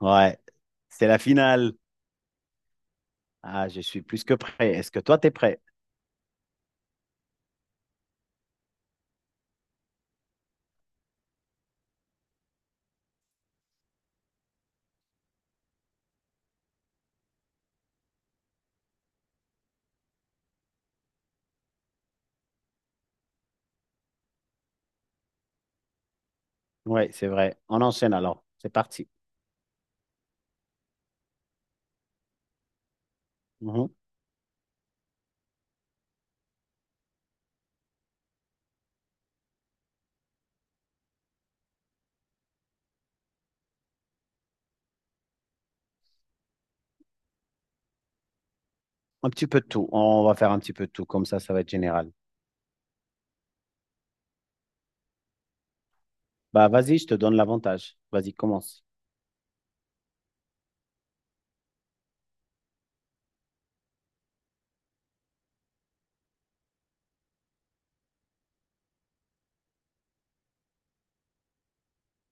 Ouais, c'est la finale. Ah, je suis plus que prêt. Est-ce que toi, t'es prêt? Ouais, c'est vrai. On enchaîne alors. C'est parti. Mhm. Un petit peu de tout. On va faire un petit peu de tout. Comme ça va être général. Bah, vas-y, je te donne l'avantage. Vas-y, commence.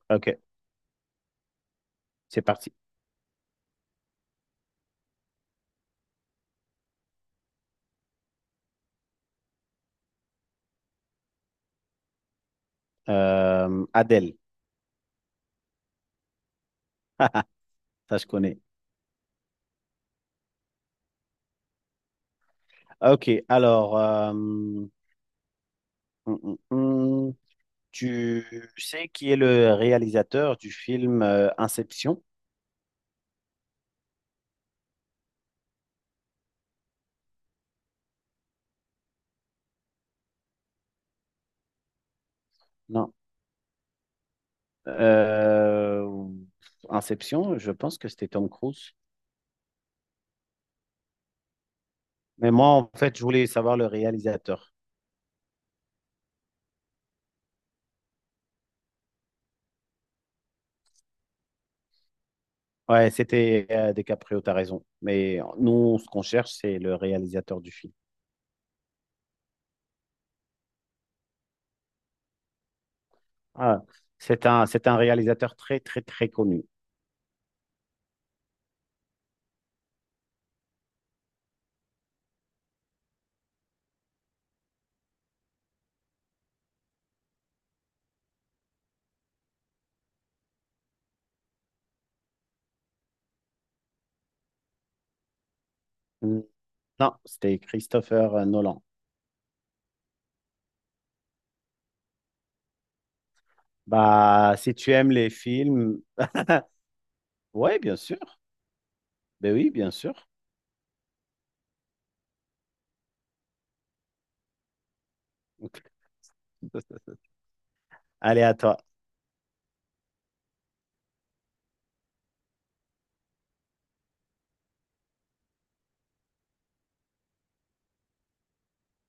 Ok, c'est parti. Adèle, ça, je connais. Ok, alors, hum. Tu sais qui est le réalisateur du film Inception? Non. Euh, Inception, je pense que c'était Tom Cruise. Mais moi, en fait, je voulais savoir le réalisateur. Ouais, c'était DiCaprio, t'as raison. Mais nous, ce qu'on cherche, c'est le réalisateur du film. Ah, c'est un réalisateur très, très, très connu. Hmm, non, c'était Christopher Nolan. Bah, si tu aimes les films, ouais, bien sûr. Ben oui, bien sûr. Allez, à toi.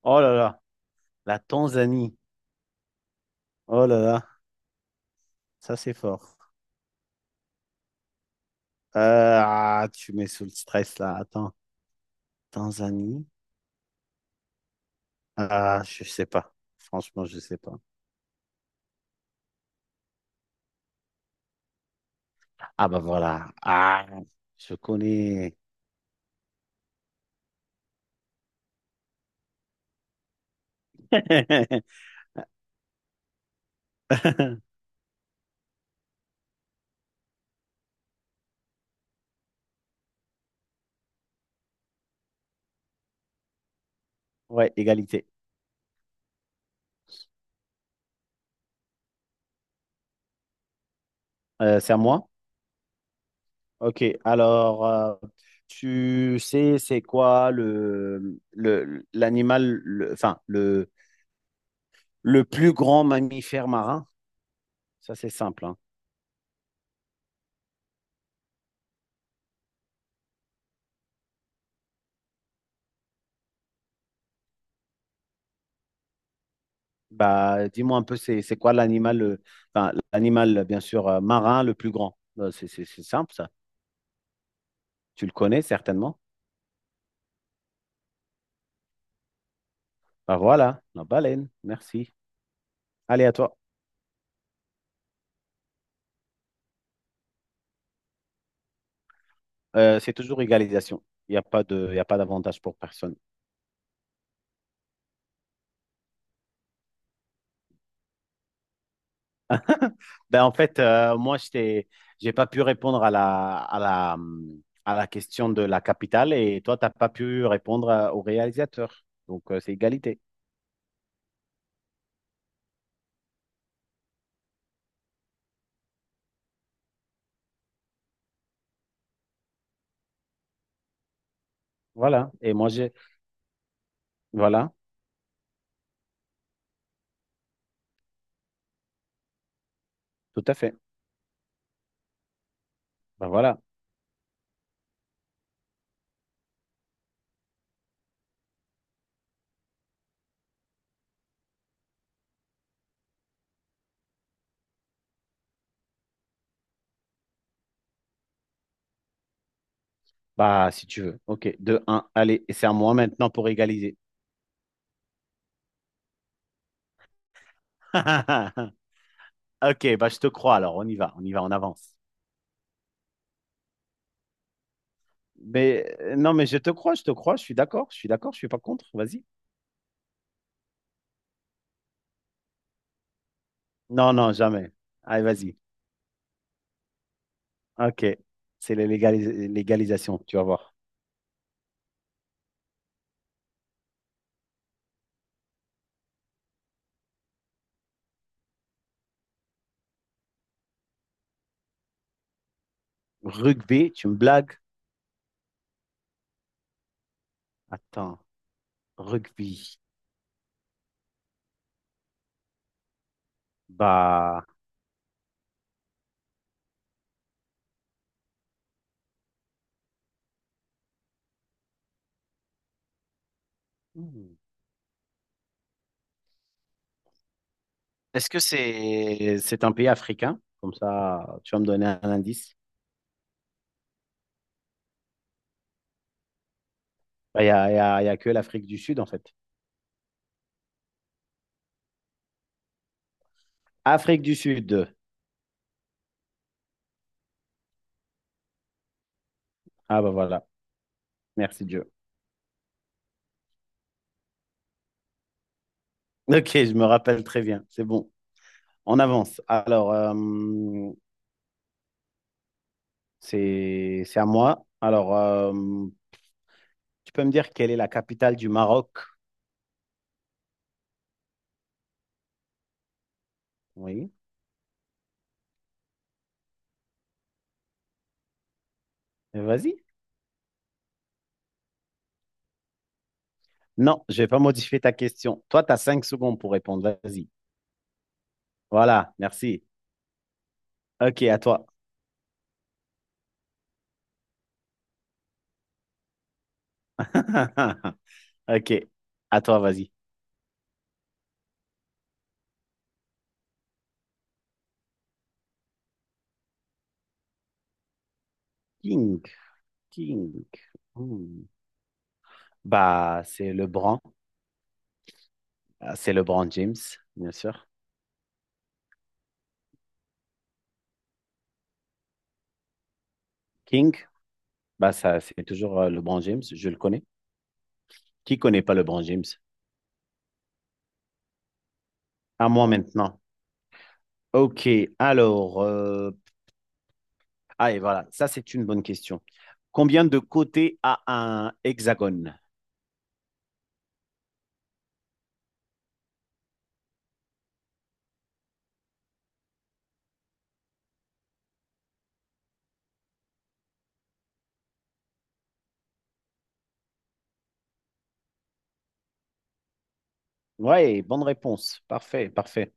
Oh là là, la Tanzanie. Oh là là, ça c'est fort. Euh, ah, tu mets sous le stress là. Attends, Tanzanie. Ah, je sais pas. Franchement, je sais pas. Ah bah voilà. Ah, je connais. Ouais, égalité. C'est à moi? Ok. Alors, tu sais, c'est quoi le l'animal, enfin le plus grand mammifère marin? Ça, c'est simple, hein. Bah, dis-moi un peu, c'est quoi l'animal, enfin l'animal bien sûr marin le plus grand? C'est simple ça. Tu le connais certainement. Bah voilà, la baleine. Merci. Allez, à toi. C'est toujours égalisation. Il y a pas d'avantage pour personne. Ben, en fait, moi, j'ai pas pu répondre à la question de la capitale et toi, tu n'as pas pu répondre au réalisateur. Donc, c'est égalité. Voilà. Et moi, j'ai. Voilà, tout à fait. Ben, voilà. Bah, si tu veux. OK, 2 un. Allez, et c'est à moi maintenant pour égaliser. OK, bah, je te crois. Alors, on y va. On y va, on avance. Mais non, mais je te crois, je te crois, je suis d'accord, je suis d'accord, je suis pas contre. Vas-y. Non, non, jamais. Allez, vas-y. OK. C'est la légalisation, tu vas voir. Rugby, tu me blagues? Attends, rugby. Bah, hmm. Est-ce que c'est un pays africain? Comme ça, tu vas me donner un indice. Bah, Il n'y a, il y a, il y a que l'Afrique du Sud, en fait. Afrique du Sud. Ah, bah voilà. Merci Dieu. OK, je me rappelle très bien. C'est bon. On avance. Alors, c'est à moi. Alors, tu peux me dire quelle est la capitale du Maroc? Oui, mais vas-y. Non, je vais pas modifier ta question. Toi, tu as 5 secondes pour répondre. Vas-y. Voilà, merci. OK, à toi. OK, à toi, vas-y. King, King. Hmm. Bah, c'est LeBron. Ah, c'est LeBron James, bien sûr. King, bah, ça, c'est toujours LeBron James. Je le connais. Qui connaît pas LeBron James? À moi maintenant. OK, alors, ah, et voilà, ça, c'est une bonne question. Combien de côtés a un hexagone? Ouais, bonne réponse. Parfait, parfait,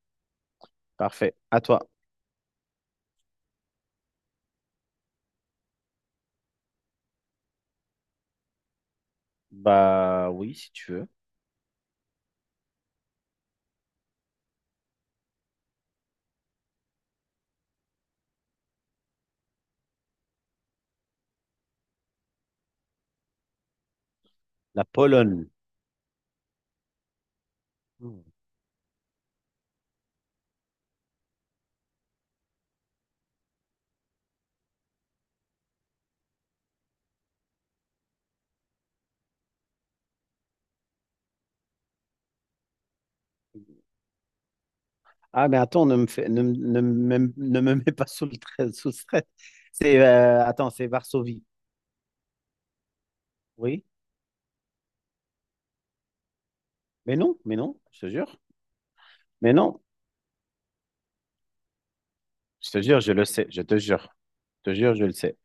parfait. À toi. Bah oui, si tu veux. La Pologne. Hmm. Ah, mais attends, ne me mets pas sous le stress. C'est, attends, c'est Varsovie. Oui, mais non, je te jure. Mais non, je te jure, je le sais, je te jure. Je te jure, je le sais.